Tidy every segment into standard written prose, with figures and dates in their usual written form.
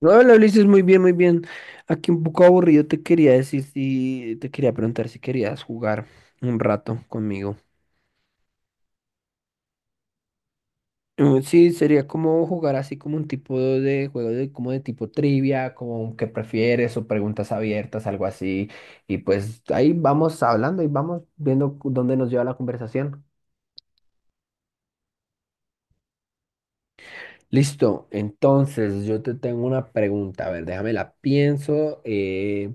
No, hola Ulises, muy bien, muy bien. Aquí un poco aburrido te quería preguntar si querías jugar un rato conmigo. Sí, sería como jugar así como un tipo de juego de como de tipo trivia, como que prefieres o preguntas abiertas, algo así. Y pues ahí vamos hablando y vamos viendo dónde nos lleva la conversación. Listo, entonces yo te tengo una pregunta. A ver, déjame la pienso.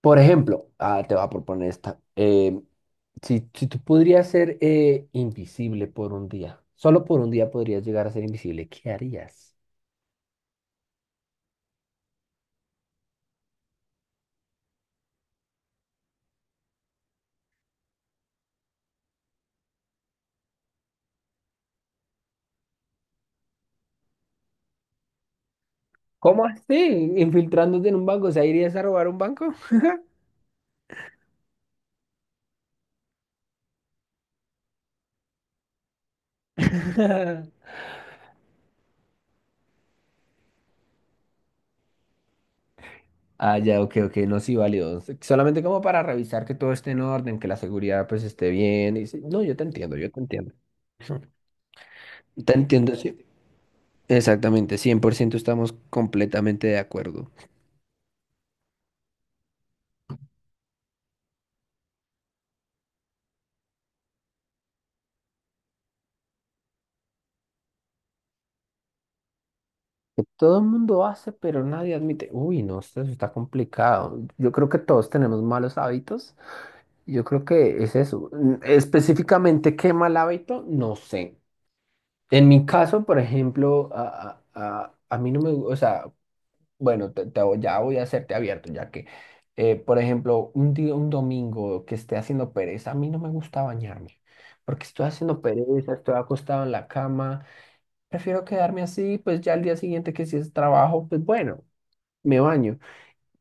Por ejemplo, te voy a proponer esta. Si tú podrías ser invisible por un día, solo por un día podrías llegar a ser invisible, ¿qué harías? ¿Cómo así? ¿Infiltrándote en un banco? ¿O sea, irías a robar un banco? Ah, ya, ok, ok, no, sí, válido. Solamente como para revisar que todo esté en orden, que la seguridad pues esté bien. Y sí, no, yo te entiendo, yo te entiendo. Te entiendo, sí. Exactamente, 100%. Estamos completamente de acuerdo. Que todo el mundo hace, pero nadie admite. Uy, no, esto está complicado. Yo creo que todos tenemos malos hábitos. Yo creo que es eso. Específicamente, ¿qué mal hábito? No sé. En mi caso, por ejemplo, a mí no me gusta, o sea, bueno, ya voy a hacerte abierto, ya que, por ejemplo, un día, un domingo que esté haciendo pereza, a mí no me gusta bañarme, porque estoy haciendo pereza, estoy acostado en la cama, prefiero quedarme así, pues ya al día siguiente que si es trabajo, pues bueno. Me baño,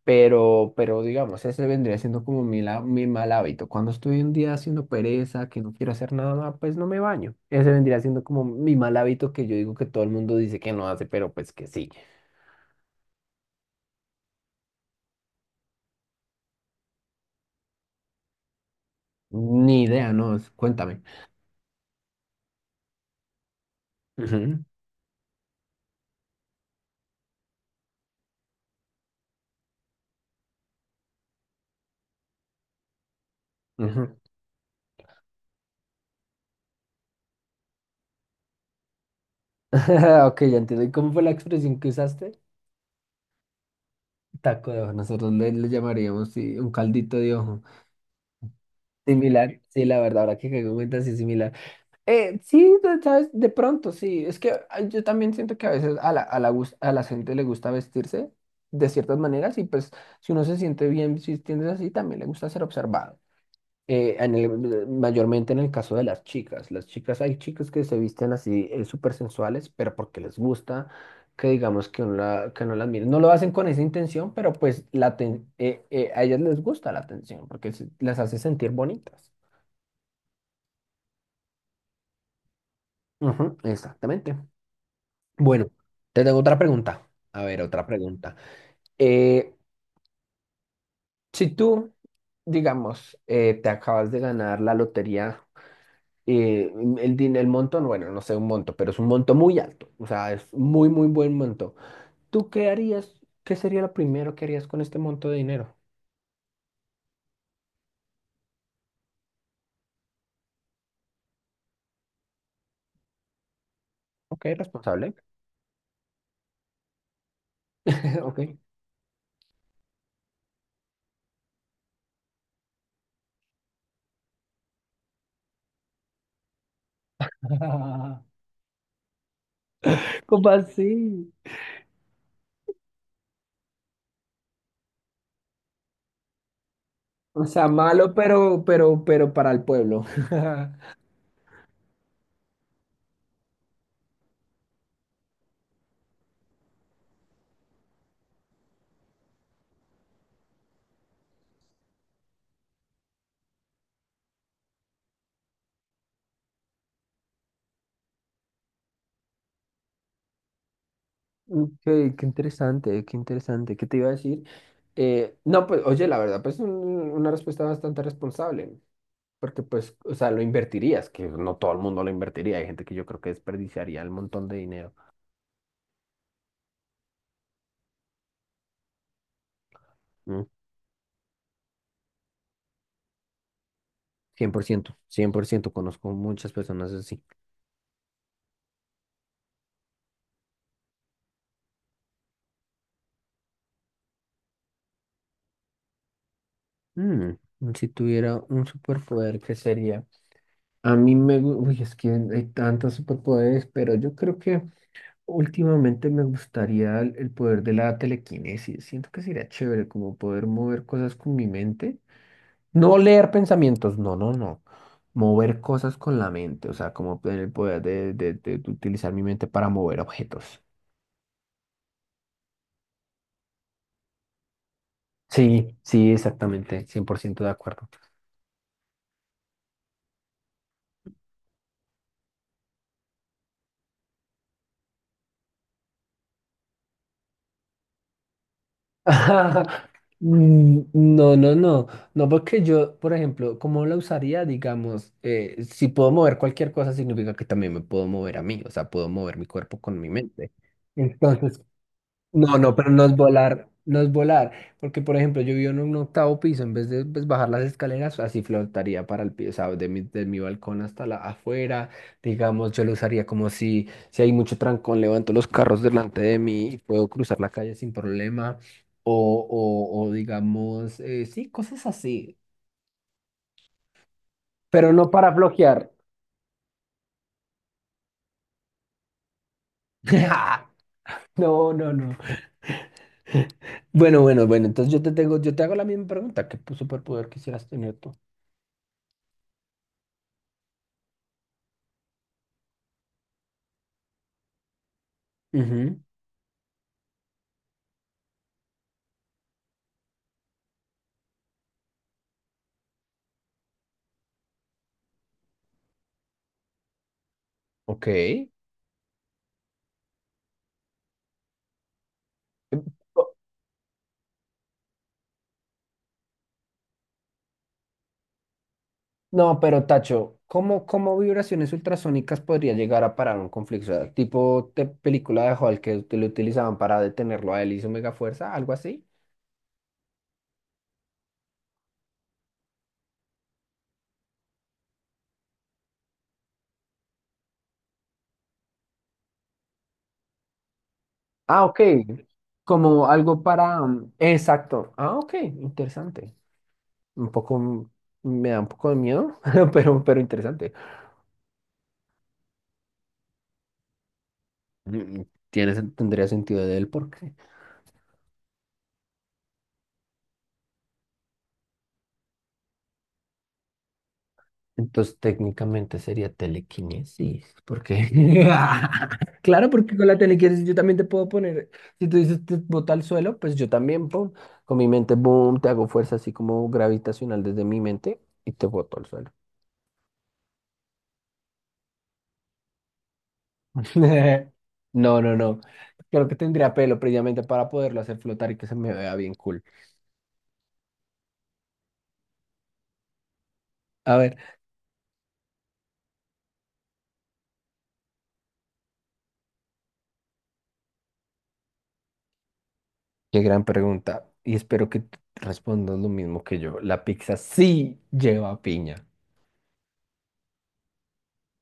pero digamos, ese vendría siendo como mi mal hábito. Cuando estoy un día haciendo pereza, que no quiero hacer nada, pues no me baño. Ese vendría siendo como mi mal hábito que yo digo que todo el mundo dice que no hace, pero pues que sí. Ni idea, no, cuéntame. Ujú, ujú. Ok, ya entiendo. ¿Y cómo fue la expresión que usaste? Taco de ojo. Nosotros le llamaríamos sí, un caldito de ojo. Similar, sí, la verdad, ahora que caigo en cuenta, sí, similar. Sí, sabes, de pronto sí. Es que yo también siento que a veces a la gente le gusta vestirse de ciertas maneras y pues si uno se siente bien vistiéndose así, también le gusta ser observado. Mayormente en el caso de las chicas. Las chicas, hay chicas que se visten así súper sensuales, pero porque les gusta que digamos que uno, la, que no las mire. No lo hacen con esa intención, pero pues a ellas les gusta la atención porque las hace sentir bonitas. Ujú, exactamente. Bueno, te tengo otra pregunta. A ver, otra pregunta. Eh, si tú, digamos, te acabas de ganar la lotería, eh, el monto, bueno, no sé un monto, pero es un monto muy alto, o sea, es muy, muy buen monto. ¿Tú qué harías? ¿Qué sería lo primero que harías con este monto de dinero? Ok, responsable. Ok. ¿Cómo así? O sea, malo, pero para el pueblo. Ok, qué interesante, qué interesante. ¿Qué te iba a decir? No, pues, oye, la verdad, pues una respuesta bastante responsable, porque pues, o sea, lo invertirías, que no todo el mundo lo invertiría. Hay gente que yo creo que desperdiciaría el montón de dinero. Mm, Cien por ciento. 100%, conozco muchas personas así. Mm, si tuviera un superpoder, ¿qué sería? A mí uy, es que hay tantos superpoderes, pero yo creo que últimamente me gustaría el poder de la telequinesis. Siento que sería chévere como poder mover cosas con mi mente. No leer pensamientos, no, no, no. Mover cosas con la mente, o sea, como tener el poder de utilizar mi mente para mover objetos. Sí, sí, exactamente, 100% de acuerdo. No, no, no, no, porque yo, por ejemplo, ¿cómo la usaría? Digamos, si puedo mover cualquier cosa, significa que también me puedo mover a mí, o sea, puedo mover mi cuerpo con mi mente. Entonces, no, no, pero no es volar, no es volar, porque por ejemplo yo vivo en un octavo piso, en vez de pues, bajar las escaleras, así flotaría para el piso, o sea, de mi balcón hasta la afuera, digamos, yo lo usaría como si hay mucho trancón, levanto los carros delante de mí y puedo cruzar la calle sin problema, o digamos, sí, cosas así, pero no para bloquear. No, no, no. Bueno, bueno, bueno, entonces yo te hago la misma pregunta, ¿qué superpoder quisieras tener tú? Ujú. Ok. O- No, pero Tacho, ¿cómo vibraciones ultrasónicas podría llegar a parar un conflicto? O sea, tipo de película de Hulk que lo utilizaban para detenerlo a él y su mega fuerza, algo así. Ah, ok. Como algo para... mm, Exacto. Ah, ok. Interesante. Un poco... mm, Me da un poco de miedo, pero interesante. Mm, Tendría sentido del por qué. Entonces técnicamente sería telequinesis, porque. Claro, porque con la telequinesis yo también te puedo poner, si tú dices te bota al suelo, pues yo también, pum, con mi mente, boom, te hago fuerza así como gravitacional desde mi mente y te boto al suelo. No, no, no. Creo que tendría pelo previamente para poderlo hacer flotar y que se me vea bien cool. A ver, qué gran pregunta. Y espero que respondas lo mismo que yo. La pizza sí lleva piña.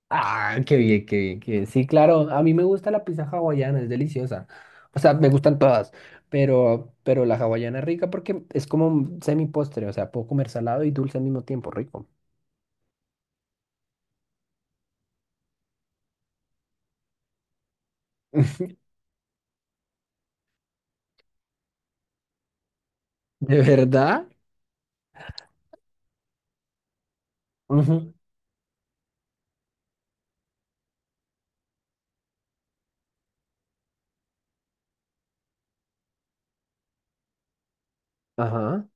Ah, qué bien, qué bien, qué bien. Sí, claro, a mí me gusta la pizza hawaiana, es deliciosa. O sea, me gustan todas, pero la hawaiana es rica porque es como un semi postre, o sea, puedo comer salado y dulce al mismo tiempo, rico. ¿De verdad? Ujú. Ajá.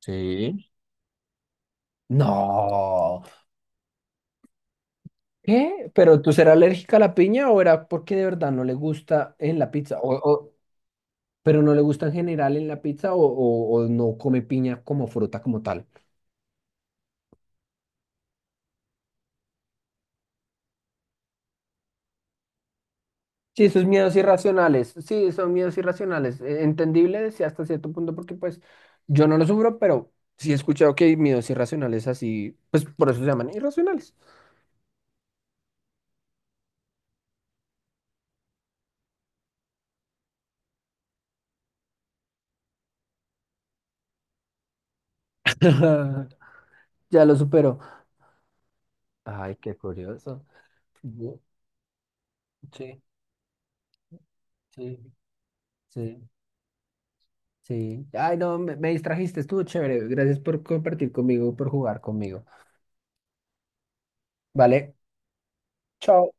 Sí. No. ¿Qué? ¿Pero tú serás alérgica a la piña o era porque de verdad no le gusta en la pizza? ¿Pero no le gusta en general en la pizza o no come piña como fruta como tal? Sí, sus miedos irracionales. Sí, son miedos irracionales. Entendible, sí, hasta cierto punto, porque pues yo no lo sufro, pero sí he escuchado que hay miedos irracionales así, pues por eso se llaman irracionales. Ya lo supero. Ay, qué curioso. Bu- Sí, sí, sí, sí. Ay, no, me distrajiste, estuvo chévere. Gracias por compartir conmigo, por jugar conmigo. Vale, chao.